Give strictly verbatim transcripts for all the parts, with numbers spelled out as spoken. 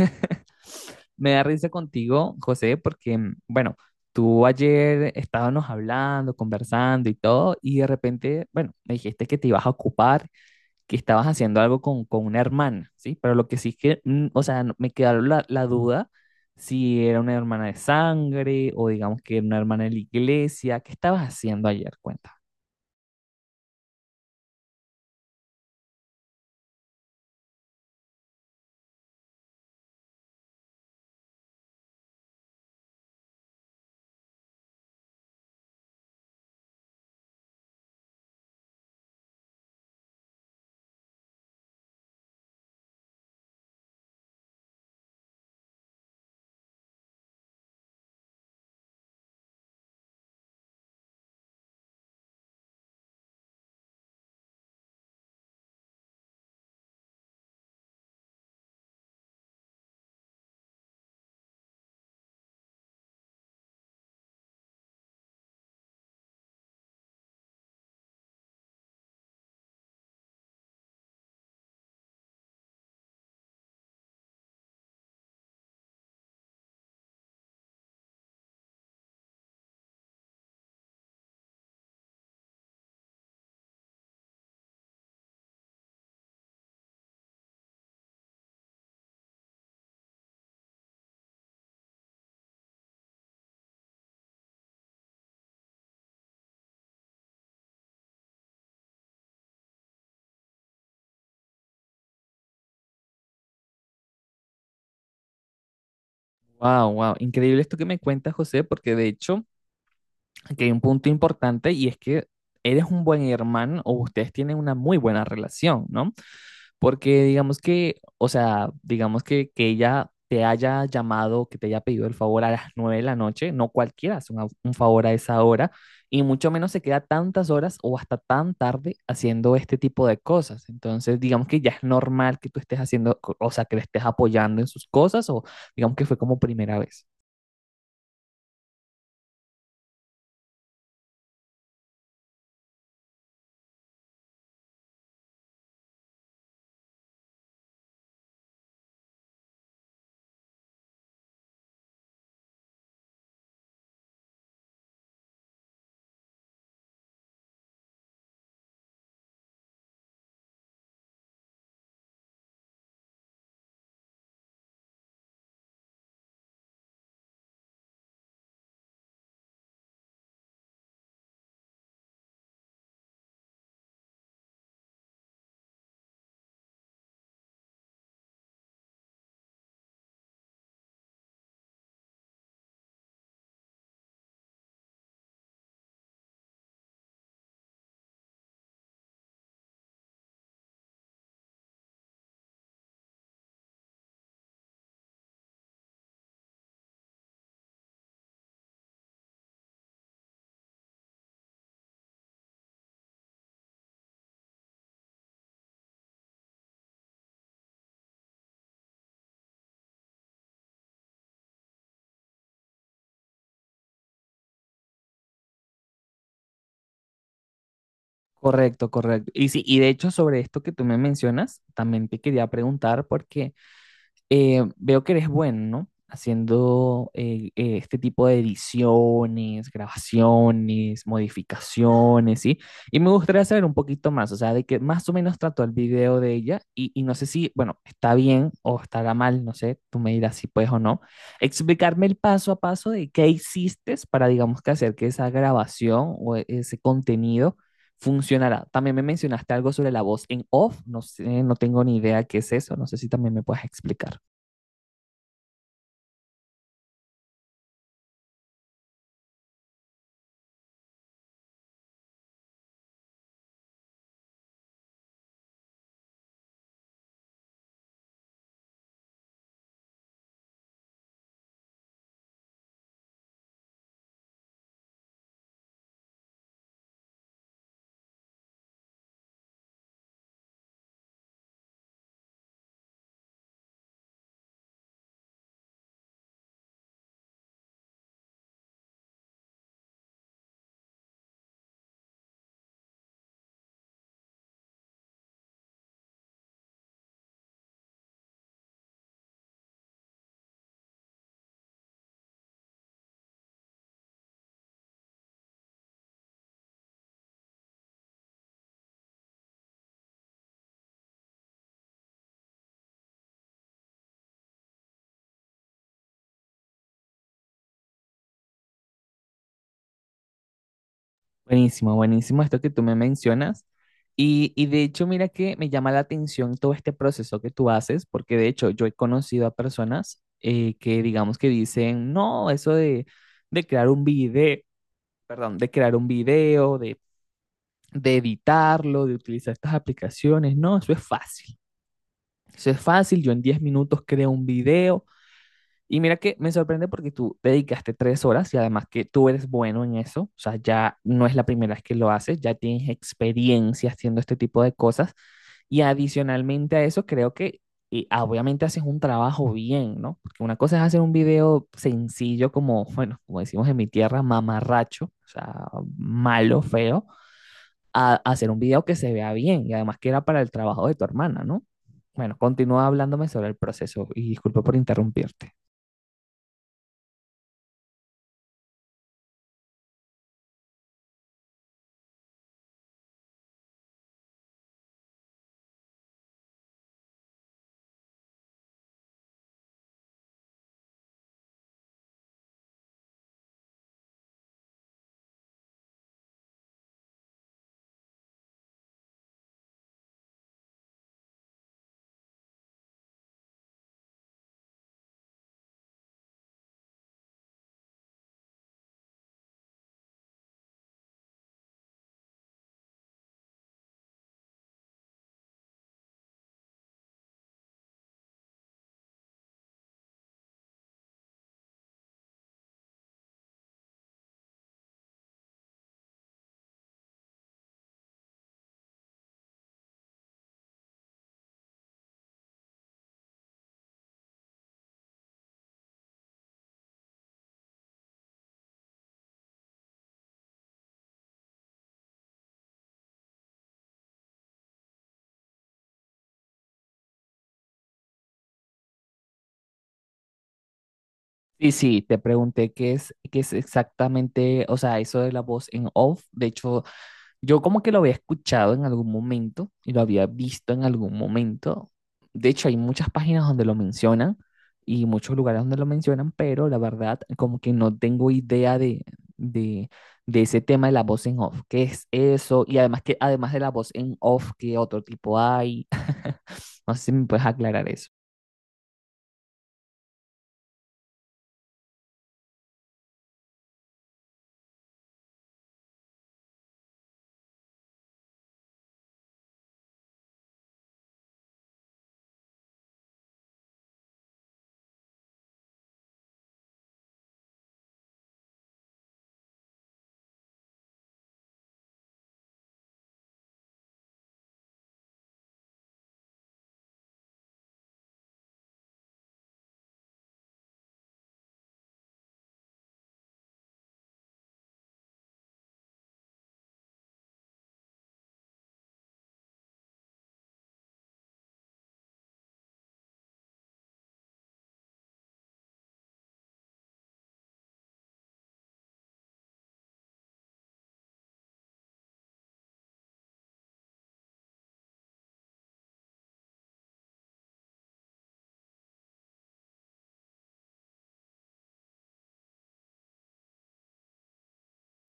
Me da risa contigo, José, porque, mm, bueno, tú ayer estábamos hablando, conversando y todo, y de repente, bueno, me dijiste que te ibas a ocupar, que estabas haciendo algo con, con una hermana, ¿sí? Pero lo que sí es que, mm, o sea, no- me quedó la, la duda si era una hermana de sangre o digamos que era una hermana de la iglesia. ¿Qué estabas haciendo ayer? Cuenta. Wow, wow, increíble esto que me cuentas, José, porque de hecho... Aquí hay un punto importante y es que eres un buen hermano o ustedes tienen una muy buena relación, ¿no? Porque digamos que, o sea, digamos que, que ella te haya llamado, que te haya pedido el favor a las nueve de la noche, no cualquiera hace una- un favor a esa hora y mucho menos se queda tantas horas o hasta tan tarde haciendo este tipo de cosas. Entonces, digamos que ya es normal que tú estés haciendo, co- o sea, que le estés apoyando en sus cosas o digamos que fue como primera vez. Correcto, correcto. Y sí, y de hecho sobre esto que tú me mencionas, también te quería preguntar porque eh, veo que eres bueno, ¿no? Haciendo eh, eh, este tipo de ediciones, grabaciones, modificaciones, ¿sí? Y me gustaría saber un poquito más, o sea, de que más o menos trató el video de ella y, y no sé si, bueno, está bien o estará mal, no sé, tú me dirás si puedes o no, explicarme el paso a paso de qué hiciste para, digamos, que hacer que esa grabación o e- ese contenido funcionará. También me mencionaste algo sobre la voz en off, no sé, no tengo ni idea qué es eso, no sé si también me puedes explicar. Buenísimo, buenísimo esto que tú me mencionas. Y, y de hecho, mira que me llama la atención todo este proceso que tú haces, porque de hecho yo he conocido a personas eh, que digamos que dicen, no, eso de, de crear un video, perdón, de crear un video, de, de editarlo, de utilizar estas aplicaciones, no, eso es fácil. Eso es fácil, yo en diez minutos creo un video, y mira que me sorprende porque tú dedicaste tres horas y además que tú eres bueno en eso, o sea, ya no es la primera vez que lo haces, ya tienes experiencia haciendo este tipo de cosas y adicionalmente a eso creo que eh, ah, obviamente haces un trabajo bien, ¿no? Porque una cosa es hacer un video sencillo como, bueno, como decimos en mi tierra, mamarracho, o sea, malo, feo, a hacer un video que se vea bien y además que era para el trabajo de tu hermana, ¿no? Bueno, continúa hablándome sobre el proceso y disculpa por interrumpirte. Sí, sí, te pregunté qué es, qué es exactamente, o sea, eso de la voz en off. De hecho, yo como que lo había escuchado en algún momento y lo había visto en algún momento. De hecho, hay muchas páginas donde lo mencionan y muchos lugares donde lo mencionan, pero la verdad como que no tengo idea de, de, de ese tema de la voz en off. ¿Qué es eso? Y además que además de la voz en off, ¿qué otro tipo hay? No sé si me puedes aclarar eso.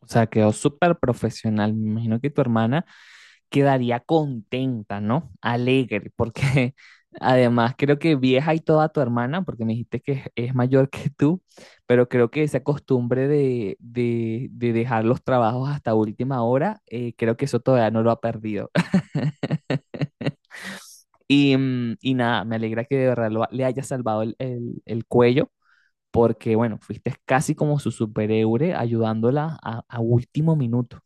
O sea, quedó súper profesional. Me imagino que tu hermana quedaría contenta, ¿no? Alegre, porque además creo que vieja y toda tu hermana, porque me dijiste que es, es mayor que tú, pero creo que esa costumbre de, de- de dejar los trabajos hasta última hora, eh, creo que eso todavía no lo ha perdido. Y, mm, y nada, me alegra que de verdad lo- le haya salvado el, el- el cuello, porque bueno, fuiste casi como su superhéroe ayudándola a a último minuto.